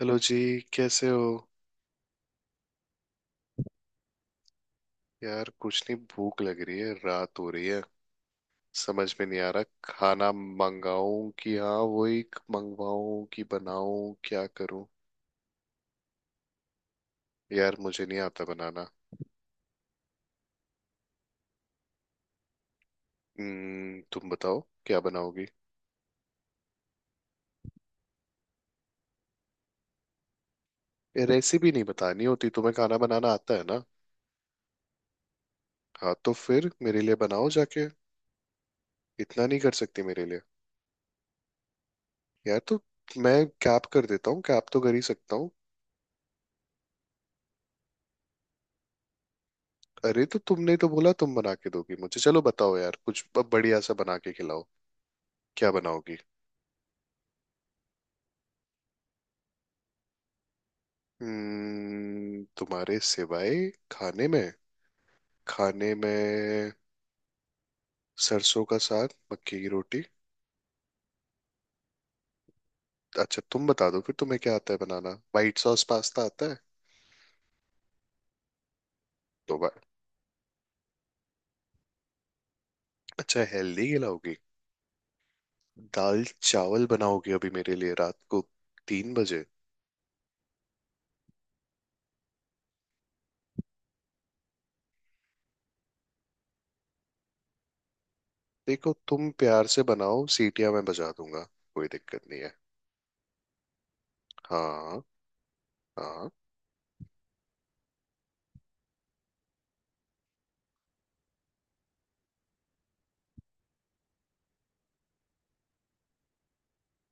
Hello जी। कैसे हो? यार कुछ नहीं, भूख लग रही है, रात हो रही है। समझ में नहीं आ रहा खाना मंगाऊं कि, हाँ, वही मंगवाऊं कि बनाऊं, क्या करूं। यार मुझे नहीं आता बनाना। हम्म, तुम बताओ क्या बनाओगी। ये रेसिपी नहीं बतानी होती, तुम्हें खाना बनाना आता है ना। हाँ तो फिर मेरे लिए बनाओ जाके। इतना नहीं कर सकती मेरे लिए? यार, तो मैं कैप कर देता हूँ, कैप तो कर ही सकता हूँ। अरे तो तुमने तो बोला तुम बना के दोगी मुझे, चलो बताओ यार कुछ बढ़िया सा बना के खिलाओ। क्या बनाओगी? तुम्हारे सिवाय खाने में। खाने में सरसों का साग मक्की की रोटी। अच्छा तुम बता दो फिर, तुम्हें क्या आता है बनाना? वाइट सॉस पास्ता आता है? तो वा- अच्छा, हेल्दी खिलाओगी? दाल चावल बनाओगी अभी मेरे लिए रात को तीन बजे? देखो तुम प्यार से बनाओ, सीटियां मैं बजा दूंगा, कोई दिक्कत नहीं है। हाँ। हाँ।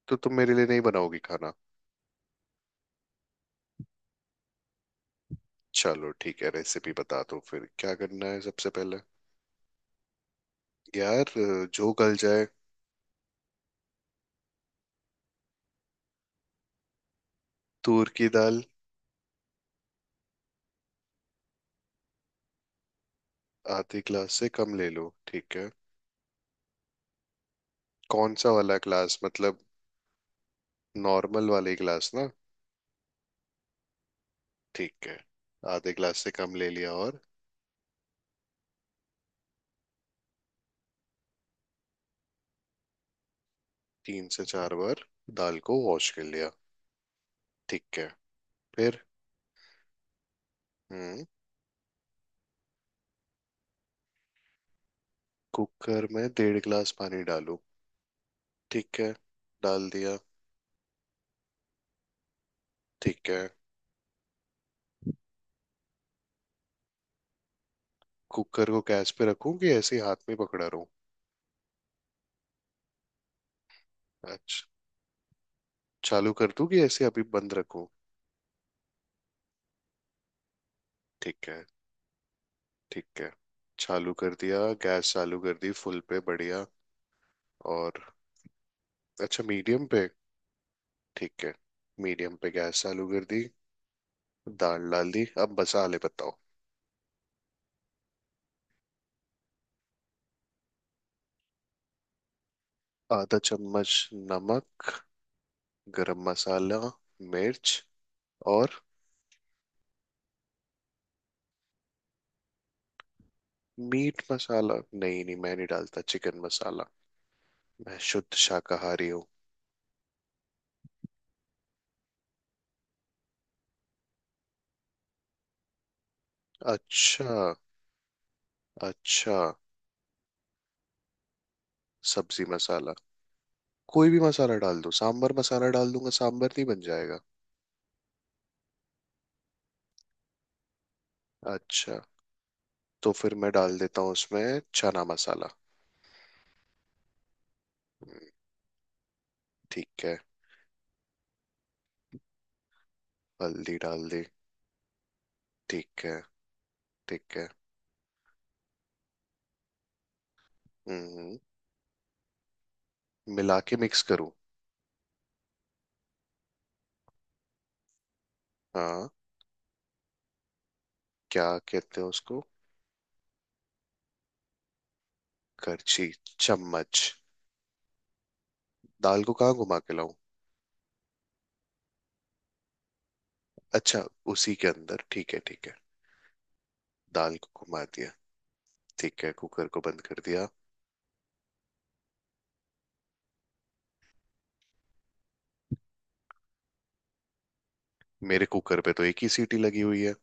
तो तुम मेरे लिए नहीं बनाओगी खाना? चलो ठीक है, रेसिपी बता दो फिर, क्या करना है सबसे पहले। यार जो गल जाए। तूर की दाल। आधे ग्लास से कम ले लो, ठीक है। कौन सा वाला ग्लास मतलब, नॉर्मल वाले ग्लास ना? ठीक है। आधे ग्लास से कम ले लिया, और? तीन से चार बार। दाल को वॉश कर लिया। ठीक है, फिर? हम्म। कुकर में डेढ़ ग्लास पानी डालो। ठीक है, डाल दिया। ठीक है। कुकर को गैस पे रखूं कि ऐसे ही हाथ में पकड़ा रहूं? अच्छा। चालू कर दूं कि ऐसे अभी बंद रखूं? ठीक है। ठीक है, चालू कर दिया, गैस चालू कर दी, फुल पे, बढ़िया। और? अच्छा, मीडियम पे। ठीक है। मीडियम पे गैस चालू कर दी, दाल डाल दी, अब मसाले बताओ। आधा चम्मच नमक, गरम मसाला, मिर्च। और? मीट मसाला नहीं, नहीं मैं नहीं डालता चिकन मसाला, मैं शुद्ध शाकाहारी हूँ। अच्छा। अच्छा। सब्जी मसाला। कोई भी मसाला डाल दो, सांबर मसाला डाल दूंगा, सांबर नहीं बन जाएगा? अच्छा, तो फिर मैं डाल देता हूँ उसमें चना मसाला। हम्म, ठीक है। हल्दी डाल दी। ठीक है। ठीक है। हम्म। मिला के मिक्स करूँ? हाँ। क्या कहते हैं उसको? करछी? चम्मच? दाल को कहाँ घुमा के लाऊं? अच्छा, उसी के अंदर, ठीक है ठीक है। दाल को घुमा दिया। ठीक है, कुकर को बंद कर दिया। मेरे कुकर पे तो एक ही सीटी लगी हुई है।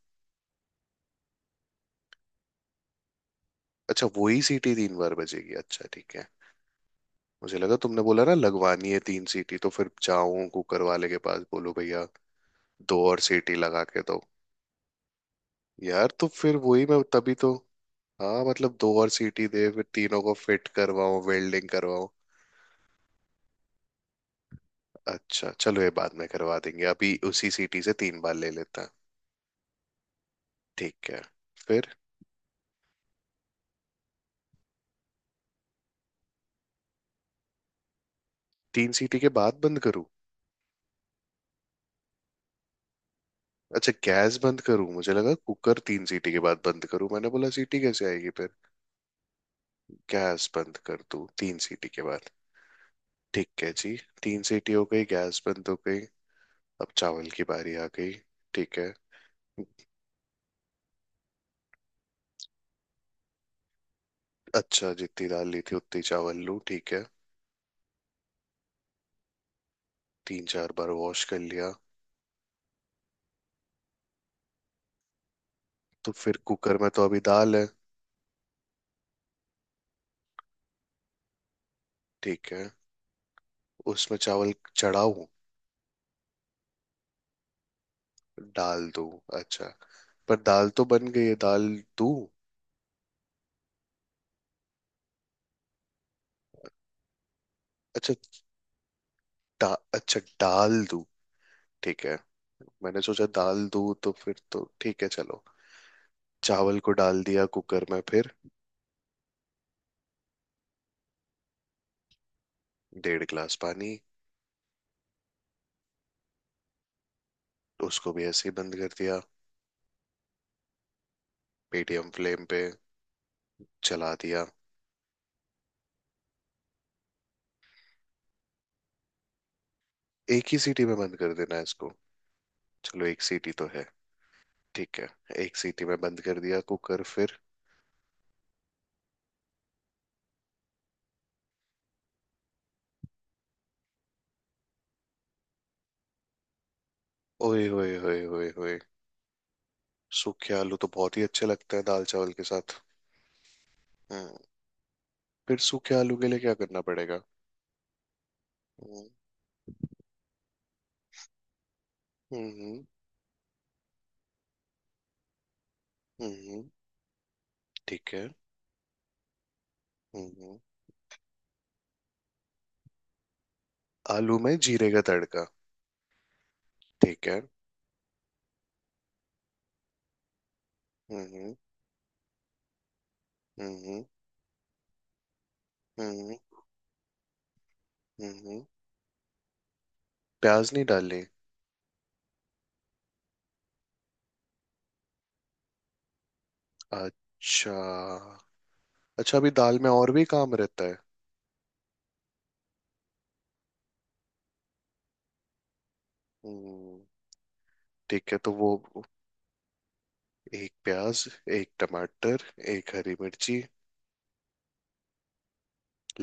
अच्छा, वही सीटी तीन बार बजेगी, अच्छा ठीक है। मुझे लगा तुमने बोला ना लगवानी है तीन सीटी, तो फिर जाऊं कुकर वाले के पास, बोलो भैया दो और सीटी लगा के दो। यार तो फिर वही, मैं तभी तो। हाँ मतलब दो और सीटी दे, फिर तीनों को फिट करवाऊं, वेल्डिंग करवाऊं। अच्छा, चलो ये बाद में करवा देंगे, अभी उसी सीटी से तीन बार ले लेता है। ठीक है, फिर? तीन सीटी के बाद बंद करूं? अच्छा, गैस बंद करूं, मुझे लगा कुकर तीन सीटी के बाद बंद करूं, मैंने बोला सीटी कैसे आएगी फिर। गैस बंद कर दूं तीन सीटी के बाद? ठीक है जी। तीन सीटी हो गई, गैस बंद हो गई, अब चावल की बारी आ गई। ठीक है। अच्छा, जितनी दाल ली थी उतनी चावल लूँ, ठीक है। तीन चार बार वॉश कर लिया। तो फिर कुकर में तो अभी दाल है। ठीक है। उसमें चावल चढ़ाऊं? डाल दूं? अच्छा, पर दाल तो बन गई है, दाल दूं? अच्छा, डा, अच्छा डाल दूं, ठीक है। मैंने सोचा दाल दूं, तो फिर तो ठीक है चलो। चावल को डाल दिया कुकर में, फिर? डेढ़ गिलास पानी। उसको भी ऐसे ही बंद कर दिया। मीडियम फ्लेम पे। चला दिया। एक ही सीटी में बंद कर देना है इसको? चलो एक सीटी तो है, ठीक है। एक सीटी में बंद कर दिया कुकर, फिर? ओए होए होए होए होए, सूखे आलू तो बहुत ही अच्छे लगते हैं दाल चावल के साथ। हम्म। फिर सूखे आलू के लिए क्या करना पड़ेगा? हम्म। हम्म। हम्म, ठीक है। हम्म। आलू में जीरे का तड़का? ठीक है। हम्म। हम्म। हम्म। हम्म। प्याज नहीं डालनी? अच्छा, अच्छा अभी दाल में और भी काम रहता है। हम्म, ठीक है तो वो। एक प्याज, एक टमाटर, एक हरी मिर्ची।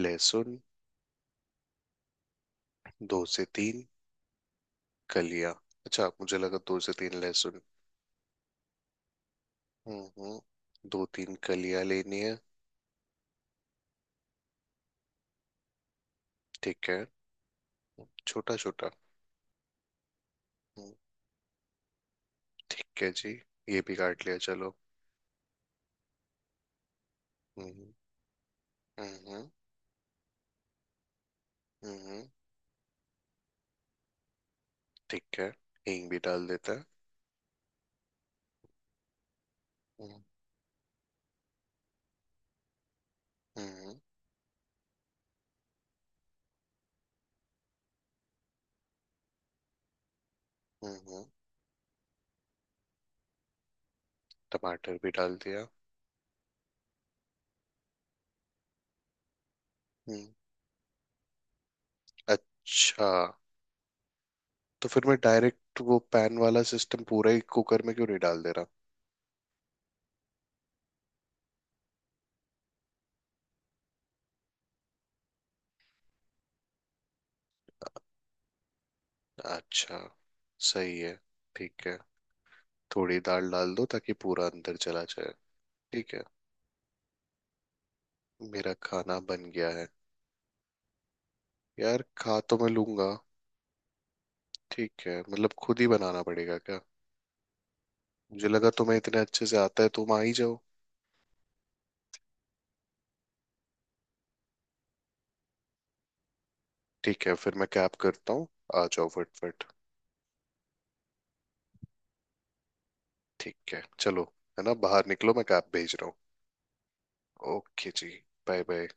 लहसुन। दो से तीन। कलियां? अच्छा मुझे लगा दो से तीन लहसुन। हम्म, दो तीन कलियां लेनी है। ठीक है। छोटा छोटा। हम्म, ठीक है जी, ये भी काट लिया चलो। हम्म। हम्म। हम्म। हम्म, हम्म, ठीक है। हींग भी डाल देता है। हम्म। हम्म। हम्म, हम्म, टमाटर भी डाल दिया। हम्म। अच्छा, तो फिर मैं डायरेक्ट वो पैन वाला सिस्टम पूरा ही कुकर में क्यों नहीं डाल दे रहा? अच्छा, सही है, ठीक है। थोड़ी दाल डाल दो ताकि पूरा अंदर चला जाए। ठीक है। मेरा खाना बन गया है? यार खा तो मैं लूंगा। ठीक है, मतलब खुद ही बनाना पड़ेगा क्या? मुझे लगा तुम्हें इतने अच्छे से आता है, तुम आ ही जाओ। ठीक है, फिर मैं कैब करता हूँ, आ जाओ फटफट। ठीक है चलो, है ना, बाहर निकलो, मैं कैब भेज रहा हूँ। ओके जी, बाय बाय।